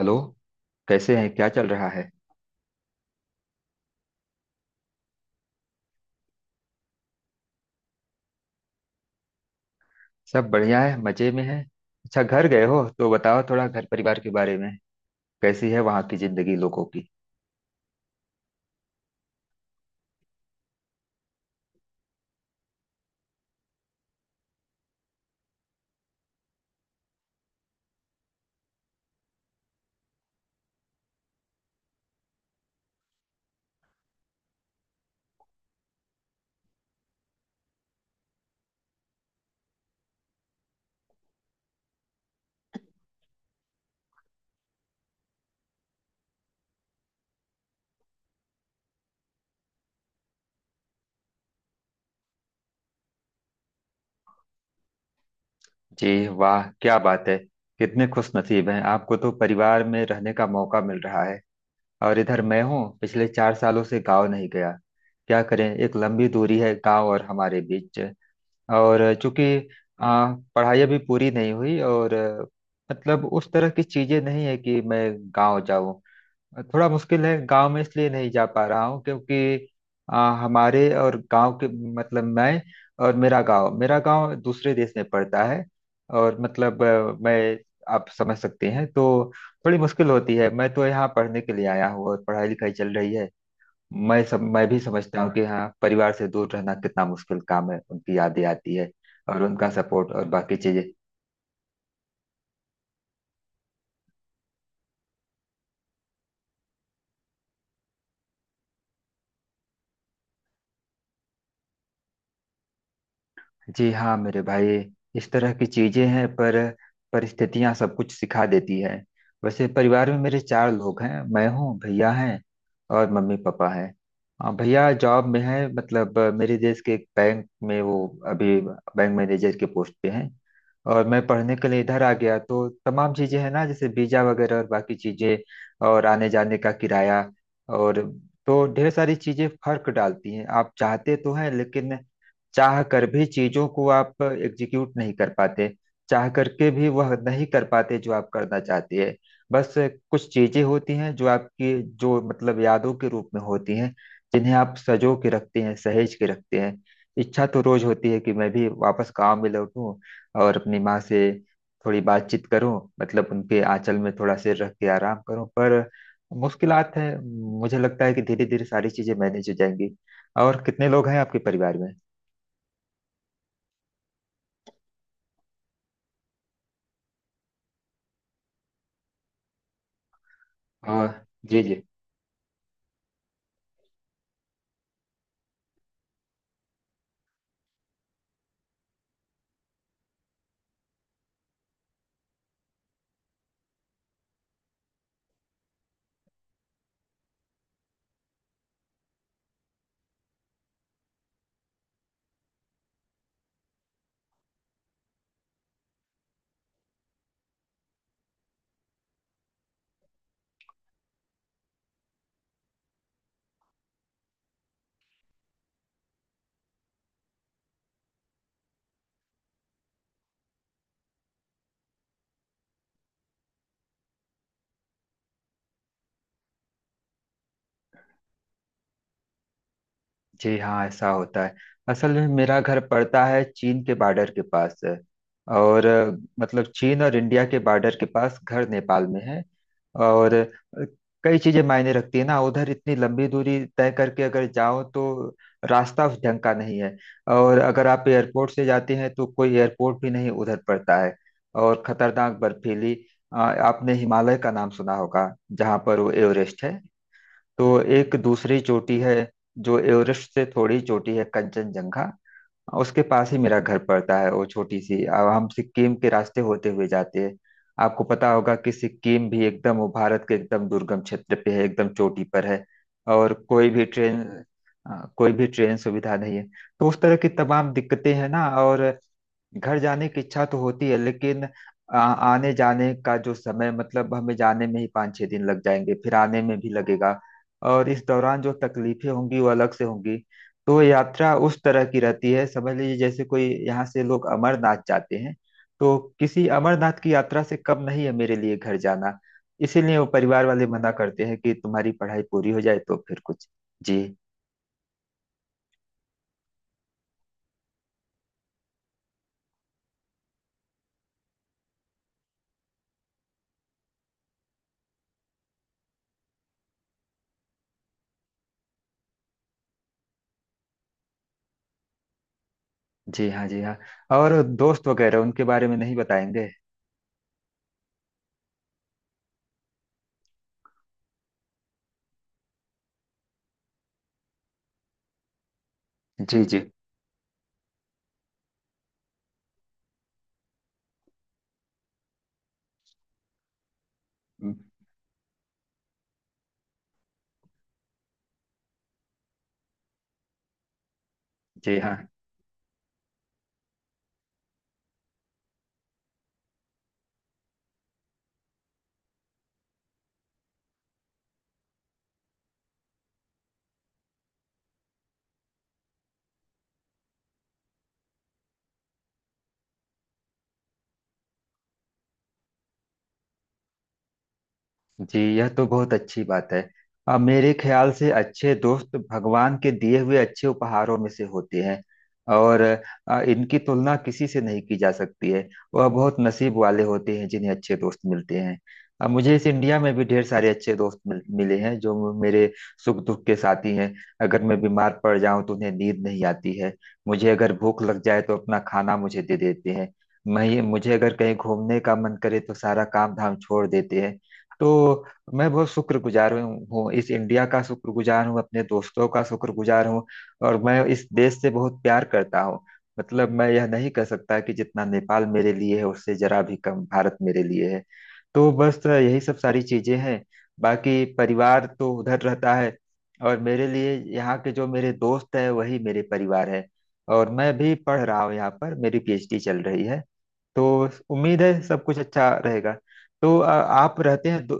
Hello. कैसे हैं? क्या चल रहा है? सब बढ़िया है, मजे में है। अच्छा, घर गए हो तो बताओ थोड़ा घर परिवार के बारे में। कैसी है वहाँ की जिंदगी, लोगों की? जी वाह, क्या बात है। कितने खुश नसीब हैं आपको तो, परिवार में रहने का मौका मिल रहा है। और इधर मैं हूँ, पिछले 4 सालों से गाँव नहीं गया। क्या करें, एक लंबी दूरी है गाँव और हमारे बीच। और चूंकि पढ़ाई अभी पूरी नहीं हुई, और मतलब उस तरह की चीजें नहीं है कि मैं गाँव जाऊँ। थोड़ा मुश्किल है, गांव में इसलिए नहीं जा पा रहा हूँ क्योंकि हमारे और गांव के, मतलब मैं, और मेरा गांव दूसरे देश में पड़ता है। और मतलब मैं, आप समझ सकते हैं तो। थोड़ी मुश्किल होती है। मैं तो यहाँ पढ़ने के लिए आया हूँ और पढ़ाई लिखाई चल रही है। मैं भी समझता हूँ कि हाँ, परिवार से दूर रहना कितना मुश्किल काम है, उनकी यादें आती है। और उनका सपोर्ट और बाकी चीजें। जी हाँ मेरे भाई। इस तरह की चीजें हैं, पर परिस्थितियां सब कुछ सिखा देती है। वैसे परिवार में मेरे चार लोग हैं। मैं हूँ, भैया हैं, और मम्मी पापा हैं। भैया जॉब में है, मतलब मेरे देश के एक बैंक में, वो अभी बैंक मैनेजर के पोस्ट पे हैं। और मैं पढ़ने के लिए इधर आ गया, तो तमाम चीजें हैं ना, जैसे वीजा वगैरह और बाकी चीजें। और आने जाने का किराया, और तो ढेर सारी चीजें फर्क डालती हैं, आप चाहते तो हैं, लेकिन चाह कर भी चीजों को आप एग्जीक्यूट नहीं कर पाते। चाह करके भी वह नहीं कर पाते जो आप करना चाहते हैं। बस, कुछ चीजें होती हैं जो आपकी, जो मतलब यादों के रूप में होती हैं, जिन्हें आप सजो के रखते हैं, सहेज के रखते हैं। इच्छा तो रोज होती है कि मैं भी वापस गाँव में लौटूं, और अपनी माँ से थोड़ी बातचीत करूं, मतलब उनके आंचल में थोड़ा सिर रख के आराम करूं, पर मुश्किलात है। मुझे लगता है कि धीरे धीरे सारी चीजें मैनेज हो जाएंगी। और कितने लोग हैं आपके परिवार में? हाँ जी जी। जी हाँ, ऐसा होता है। असल में मेरा घर पड़ता है, चीन के बॉर्डर के पास है। और मतलब चीन और इंडिया के बॉर्डर के पास, घर नेपाल में है। और कई चीजें मायने रखती है ना, उधर इतनी लंबी दूरी तय करके अगर जाओ तो रास्ता उस ढंग का नहीं है। और अगर आप एयरपोर्ट से जाते हैं, तो कोई एयरपोर्ट भी नहीं उधर पड़ता है। और खतरनाक बर्फीली। आपने हिमालय का नाम सुना होगा, जहाँ पर वो एवरेस्ट है। तो एक दूसरी चोटी है, जो एवरेस्ट से थोड़ी छोटी है, कंचनजंघा। उसके पास ही मेरा घर पड़ता है, वो छोटी सी। अब हम सिक्किम के रास्ते होते हुए जाते हैं। आपको पता होगा कि सिक्किम भी एकदम वो भारत के एकदम दुर्गम क्षेत्र पे है, एकदम चोटी पर है। और कोई भी ट्रेन सुविधा नहीं है। तो उस तरह की तमाम दिक्कतें हैं ना, और घर जाने की इच्छा तो होती है, लेकिन आने जाने का जो समय, मतलब हमें जाने में ही 5-6 दिन लग जाएंगे, फिर आने में भी लगेगा। और इस दौरान जो तकलीफें होंगी वो अलग से होंगी। तो यात्रा उस तरह की रहती है, समझ लीजिए जैसे कोई यहाँ से लोग अमरनाथ जाते हैं, तो किसी अमरनाथ की यात्रा से कम नहीं है मेरे लिए घर जाना। इसीलिए वो परिवार वाले मना करते हैं कि तुम्हारी पढ़ाई पूरी हो जाए तो फिर कुछ। जी, जी हाँ, जी हाँ। और दोस्त वगैरह, उनके बारे में नहीं बताएंगे? जी, जी, जी हाँ। जी, यह तो बहुत अच्छी बात है। अब मेरे ख्याल से अच्छे दोस्त भगवान के दिए हुए अच्छे उपहारों में से होते हैं। और इनकी तुलना किसी से नहीं की जा सकती है। वह बहुत नसीब वाले होते हैं जिन्हें अच्छे दोस्त मिलते हैं। अब मुझे इस इंडिया में भी ढेर सारे अच्छे दोस्त मिले हैं, जो मेरे सुख दुख के साथी हैं। अगर मैं बीमार पड़ जाऊं तो उन्हें नींद नहीं आती है। मुझे अगर भूख लग जाए तो अपना खाना मुझे दे देते हैं। मैं मुझे अगर कहीं घूमने का मन करे तो सारा काम धाम छोड़ देते हैं। तो मैं बहुत शुक्रगुजार हूँ, इस इंडिया का शुक्रगुजार हूँ, अपने दोस्तों का शुक्रगुजार हूँ। और मैं इस देश से बहुत प्यार करता हूँ। मतलब मैं यह नहीं कह सकता कि जितना नेपाल मेरे लिए है, उससे जरा भी कम भारत मेरे लिए है। तो बस यही सब सारी चीजें हैं। बाकी परिवार तो उधर रहता है, और मेरे लिए यहाँ के जो मेरे दोस्त हैं, वही मेरे परिवार है। और मैं भी पढ़ रहा हूँ, यहाँ पर मेरी पीएचडी चल रही है। तो उम्मीद है सब कुछ अच्छा रहेगा। तो आप रहते हैं,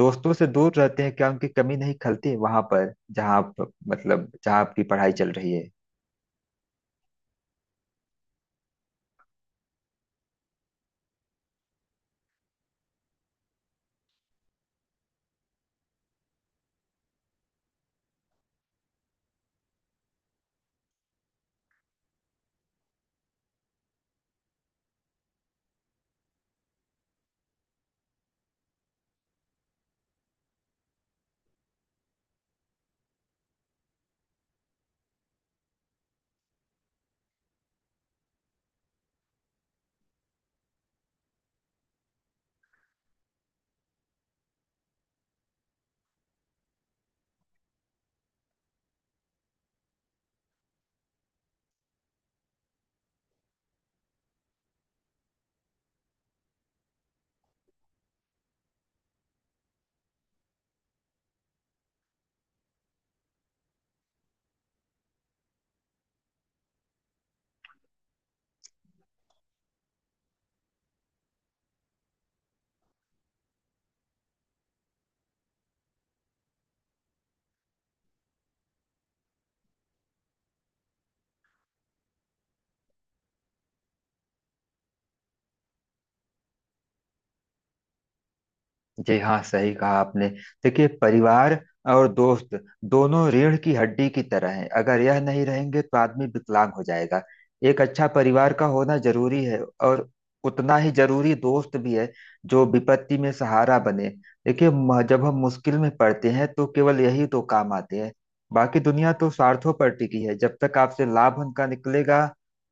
दोस्तों से दूर रहते हैं, क्या उनकी कमी नहीं खलती वहां पर जहाँ आप, मतलब जहाँ आपकी पढ़ाई चल रही है? जी हाँ, सही कहा आपने। देखिए, परिवार और दोस्त दोनों रीढ़ की हड्डी की तरह हैं, अगर यह नहीं रहेंगे तो आदमी विकलांग हो जाएगा। एक अच्छा परिवार का होना जरूरी है, और उतना ही जरूरी दोस्त भी है, जो विपत्ति में सहारा बने। देखिए, जब हम मुश्किल में पड़ते हैं तो केवल यही दो काम आते हैं। बाकी दुनिया तो स्वार्थों पर टिकी है, जब तक आपसे लाभ उनका निकलेगा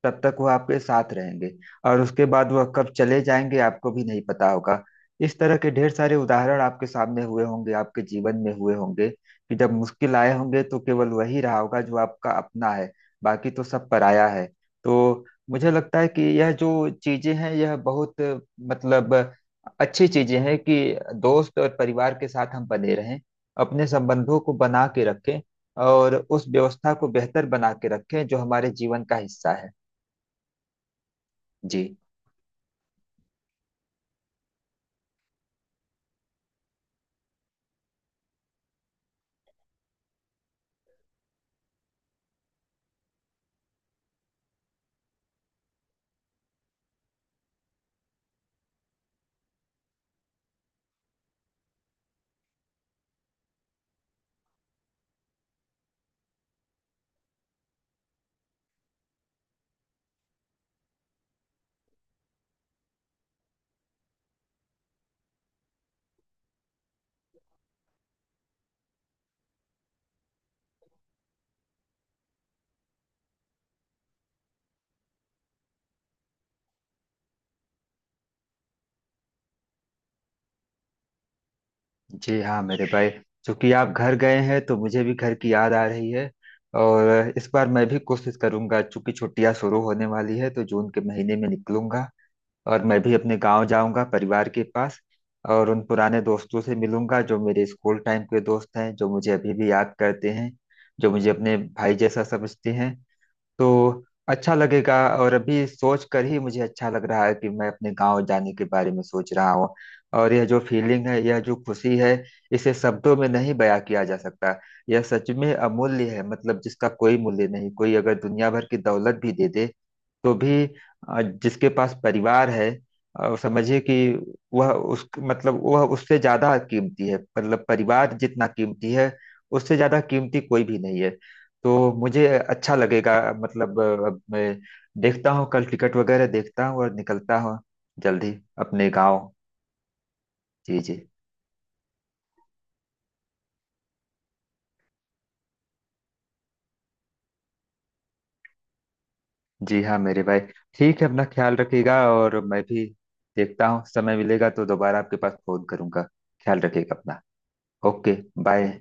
तब तक वो आपके साथ रहेंगे, और उसके बाद वह कब चले जाएंगे, आपको भी नहीं पता होगा। इस तरह के ढेर सारे उदाहरण आपके सामने हुए होंगे, आपके जीवन में हुए होंगे, कि जब मुश्किल आए होंगे तो केवल वही रहा होगा जो आपका अपना है। बाकी तो सब पराया है। तो मुझे लगता है कि यह जो चीजें हैं, यह बहुत, मतलब, अच्छी चीजें हैं कि दोस्त और परिवार के साथ हम बने रहें, अपने संबंधों को बना के रखें, और उस व्यवस्था को बेहतर बना के रखें जो हमारे जीवन का हिस्सा है। जी। जी हाँ मेरे भाई। चूंकि आप घर गए हैं तो मुझे भी घर की याद आ रही है। और इस बार मैं भी कोशिश करूंगा, चूंकि छुट्टियां शुरू होने वाली है, तो जून के महीने में निकलूंगा, और मैं भी अपने गांव जाऊंगा, परिवार के पास। और उन पुराने दोस्तों से मिलूंगा, जो मेरे स्कूल टाइम के दोस्त हैं, जो मुझे अभी भी याद करते हैं, जो मुझे अपने भाई जैसा समझते हैं। तो अच्छा लगेगा। और अभी सोच कर ही मुझे अच्छा लग रहा है कि मैं अपने गांव जाने के बारे में सोच रहा हूँ। और यह जो फीलिंग है, यह जो खुशी है, इसे शब्दों में नहीं बयां किया जा सकता। यह सच में अमूल्य है, मतलब जिसका कोई मूल्य नहीं, कोई अगर दुनिया भर की दौलत भी दे दे तो भी, जिसके पास परिवार है, समझिए कि वह उस मतलब वह उससे ज्यादा कीमती है, मतलब परिवार जितना कीमती है, उससे ज्यादा कीमती कोई भी नहीं है। तो मुझे अच्छा लगेगा, मतलब अब मैं देखता हूँ, कल टिकट वगैरह देखता हूँ और निकलता हूँ जल्दी अपने गाँव। जी, जी, जी हाँ मेरे भाई। ठीक है, अपना ख्याल रखिएगा, और मैं भी देखता हूँ, समय मिलेगा तो दोबारा आपके पास फोन करूंगा। ख्याल रखिएगा अपना। ओके। बाय।